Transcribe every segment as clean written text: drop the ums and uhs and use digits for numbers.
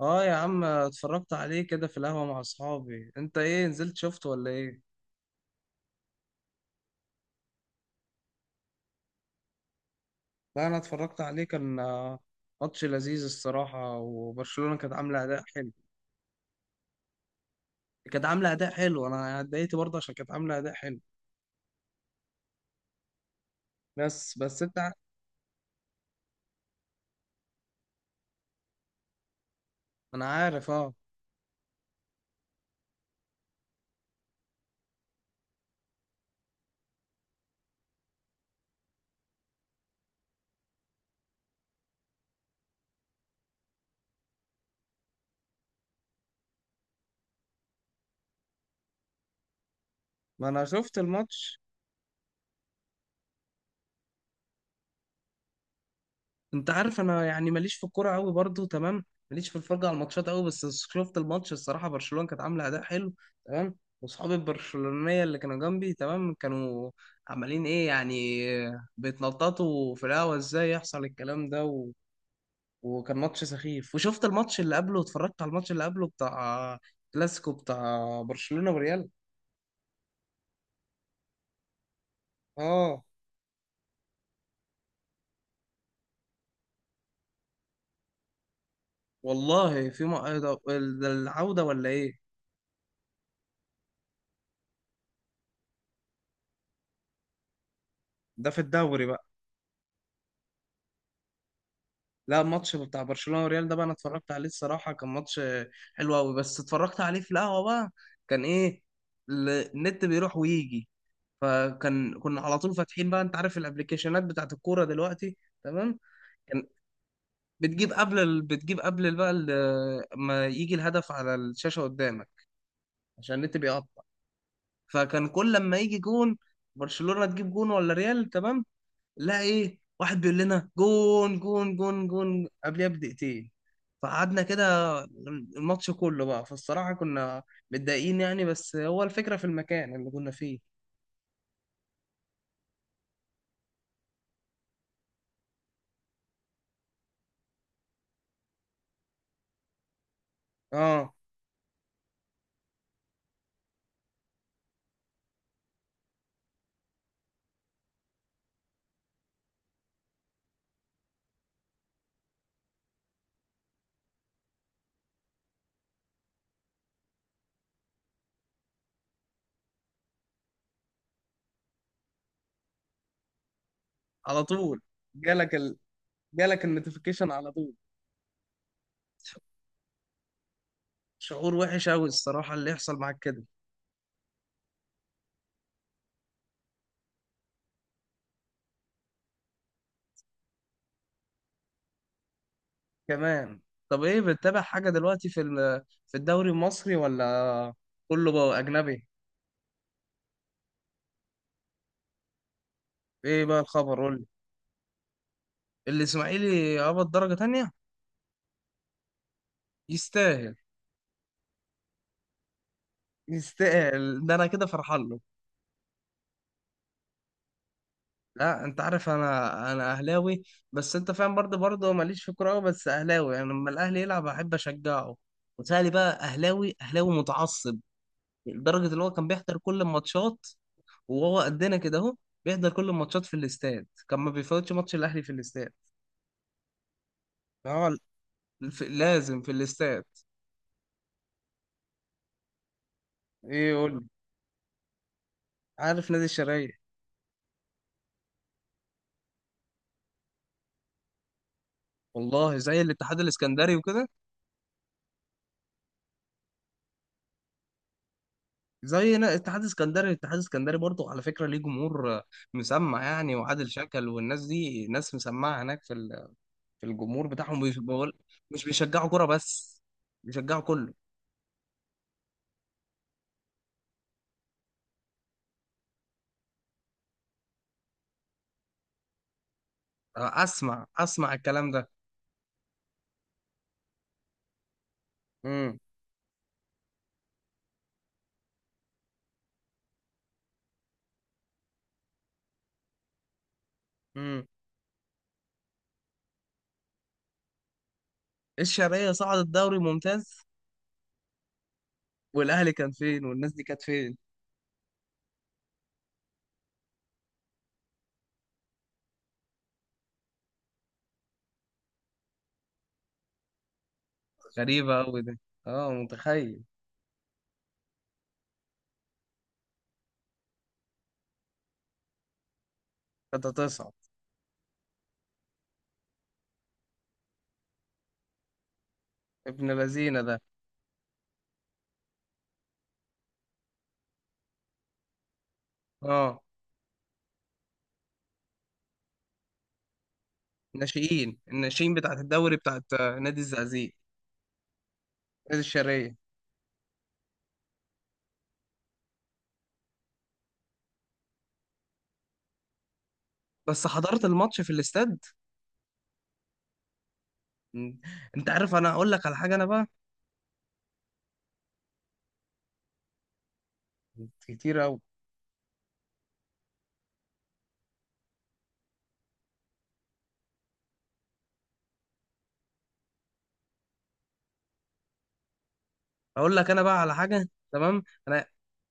اه يا عم، اتفرجت عليه كده في القهوة مع اصحابي. انت ايه، نزلت شفته ولا ايه؟ لا انا اتفرجت عليه. كان ماتش لذيذ الصراحة، وبرشلونة كانت عاملة اداء حلو. كانت عاملة اداء حلو، انا اتضايقت برضه عشان كانت عاملة اداء حلو. بس بس انت ع- انا عارف، اه. ما انا شفت الماتش. انت عارف انا يعني ماليش في الكوره قوي، برضو تمام، ماليش في الفرجه على الماتشات قوي. بس شفت الماتش، الصراحه برشلونه كانت عامله اداء حلو، تمام. واصحابي البرشلونيه اللي كانوا جنبي، تمام، كانوا عمالين ايه يعني، بيتنططوا في القهوه. ازاي يحصل الكلام ده؟ وكان ماتش سخيف. وشفت الماتش اللي قبله، اتفرجت على الماتش اللي قبله بتاع كلاسيكو بتاع برشلونه وريال. اه والله. ده ده العوده ولا ايه؟ ده في الدوري بقى. لا الماتش بتاع برشلونة وريال ده بقى انا اتفرجت عليه، الصراحة كان ماتش حلو قوي، بس اتفرجت عليه في القهوة بقى. كان ايه، النت بيروح ويجي، فكان كنا على طول فاتحين بقى، انت عارف الابلكيشنات بتاعت الكورة دلوقتي، تمام. كان بتجيب قبل ال... بتجيب قبل ال- بقى ال... ما يجي الهدف على الشاشة قدامك، عشان النت بيقطع. فكان كل لما يجي جون، برشلونة تجيب جون ولا ريال، تمام، لا ايه، واحد بيقول لنا جون جون جون جون قبلها بدقيقتين. فقعدنا كده الماتش كله بقى. فالصراحة كنا متضايقين يعني، بس هو الفكرة في المكان اللي كنا فيه. اه، على طول. جالك ال... جالك النوتيفيكيشن على طول. شعور وحش قوي الصراحة اللي يحصل معاك كده. كمان؟ طب ايه، بتتابع حاجة دلوقتي في الدوري المصري ولا كله بقى أجنبي؟ ايه بقى الخبر، قول لي. الإسماعيلي هبط درجة تانية؟ يستاهل. يستاهل، ده انا كده فرحان له. لا انت عارف، انا اهلاوي، بس انت فاهم، برضه ماليش في كوره أوي، بس اهلاوي يعني، لما الاهلي يلعب احب اشجعه. وتهيألي بقى اهلاوي اهلاوي متعصب، لدرجه ان هو كان بيحضر كل الماتشات، وهو قدنا كده اهو، بيحضر كل الماتشات في الاستاد، كان ما بيفوتش ماتش الاهلي في الاستاد. فهو ال- لازم في الاستاد. ايه يقول لي؟ عارف نادي الشرقية، والله زي الاتحاد الاسكندري وكده. زي نا- اتحاد اسكندري الاتحاد الاسكندري برضه، على فكرة ليه جمهور مسمع يعني، وعادل شكل، والناس دي ناس مسمعة هناك في الجمهور بتاعهم بقول، مش بيشجعوا كرة بس، بيشجعوا كله. اسمع اسمع الكلام ده. امم. امم. الشرقية صعدت دوري ممتاز، والاهلي كان فين، والناس دي كانت فين؟ غريبة قوي ده. اه متخيل. كانت هتصعد. ابن لذينه ده. اه ناشئين، الناشئين بتاعت الدوري بتاعت نادي الزقازيق، نادي الشرقية. بس حضرت الماتش في الاستاد. مم. انت عارف، انا اقول لك على حاجه انا بقى. كتير قوي. اقول لك انا بقى على حاجه، تمام. انا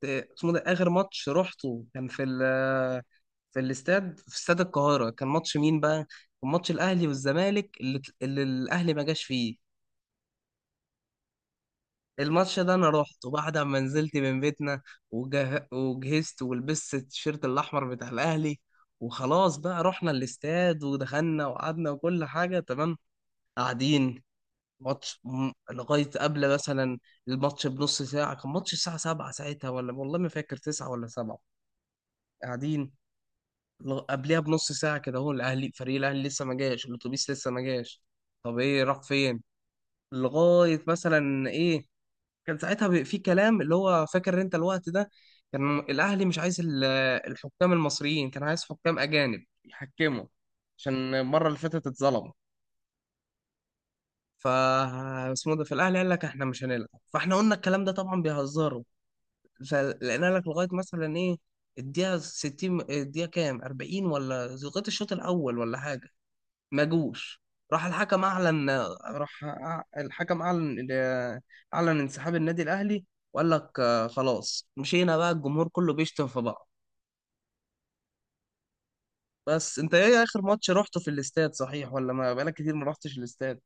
ت- اسمه ده، اخر ماتش رحته كان في ال في الاستاد في استاد القاهره. كان ماتش مين بقى؟ كان ماتش الاهلي والزمالك، اللي الاهلي ما جاش فيه. الماتش ده انا رحته بعد ما نزلت من بيتنا، وجهزت ولبست التيشيرت الاحمر بتاع الاهلي، وخلاص بقى رحنا الاستاد ودخلنا وقعدنا، وكل حاجه تمام. قاعدين. لغاية قبل مثلا الماتش بنص ساعة، كان ماتش الساعة سبعة ساعتها، ولا والله ما فاكر، تسعة ولا سبعة. قاعدين، قبلها بنص ساعة كده، هو الأهلي فريق الأهلي لسه ما جاش، الأتوبيس لسه ما جاش. طب إيه، راح فين؟ لغاية مثلا إيه. كان ساعتها في كلام، اللي هو فاكر أنت الوقت ده، كان الأهلي مش عايز الحكام المصريين، كان عايز حكام أجانب يحكموا، عشان المرة اللي فاتت اتظلم. ف اسمه ده في الاهلي قال لك احنا مش هنلعب، فاحنا قلنا الكلام ده طبعا بيهزروا. فلقينا لك لغايه مثلا ايه، الدقيقه 60 الدقيقه كام، 40، ولا لغايه الشوط الاول ولا حاجه، ما جوش. راح الحكم اعلن راح أع- الحكم اعلن، اعلن انسحاب النادي الاهلي. وقال لك خلاص مشينا بقى، الجمهور كله بيشتم في بعض. بس انت ايه، اخر ماتش رحته في الاستاد صحيح، ولا ما بقالك كتير ما رحتش الاستاد؟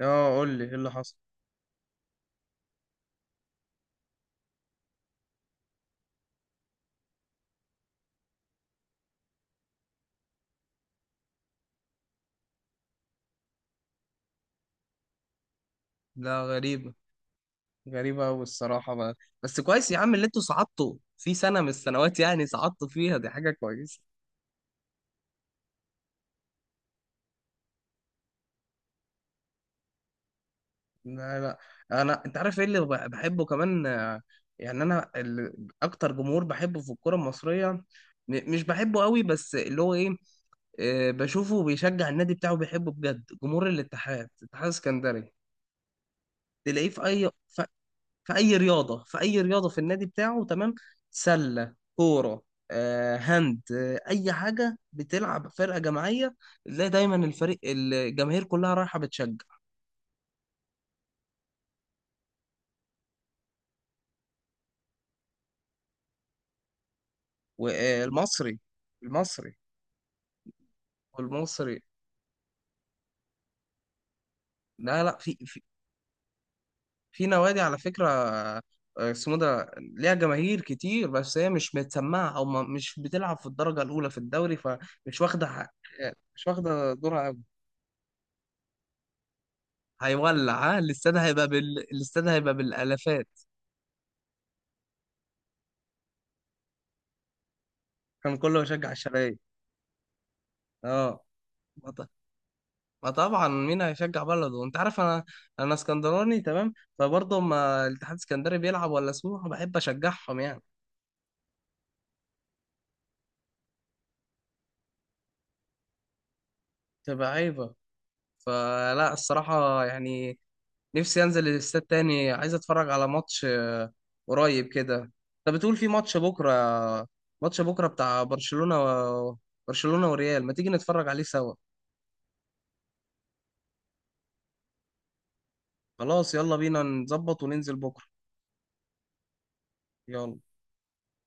اه قول لي ايه اللي حصل. لا غريب، غريبة أوي الصراحة بقى. بس كويس يا عم، اللي انتوا صعدتوا في سنة من السنوات يعني، صعدتوا فيها دي حاجة كويسة. لا لا، أنا أنت عارف إيه اللي بحبه كمان، يعني أنا أكتر جمهور بحبه في الكرة المصرية، مش بحبه قوي، بس اللي هو إيه، بشوفه بيشجع النادي بتاعه، بيحبه بجد، جمهور الاتحاد، الاتحاد السكندري. تلاقيه في اي رياضه في النادي بتاعه، تمام، سله، كوره، هاند، اي حاجه بتلعب فرقه جماعيه، تلاقي دايما الفريق الجماهير كلها رايحه بتشجع. والمصري. المصري. والمصري. لا لا، في نوادي على فكره، آه، اسمه ده ليها جماهير كتير، بس هي مش متسمعه، او مش بتلعب في الدرجه الاولى في الدوري، فمش واخده مش واخده دورها قوي. هيولع، ها الاستاد هيبقى الاستاد هيبقى بالالافات. كان كله يشجع الشرقية، اه. ما ط- ما طبعا مين هيشجع بلده، انت عارف انا، انا اسكندراني، تمام. فبرضه اما الاتحاد الاسكندري بيلعب ولا سموحة، بحب اشجعهم يعني. تبقى عيبة. فلا الصراحة يعني، نفسي انزل الاستاد تاني، عايز اتفرج على ماتش قريب كده. انت بتقول في ماتش بكرة، ماتش بكرة بتاع برشلونة برشلونة وريال، ما تيجي نتفرج عليه سوا؟ خلاص يلا بينا نظبط وننزل بكرة. يلا.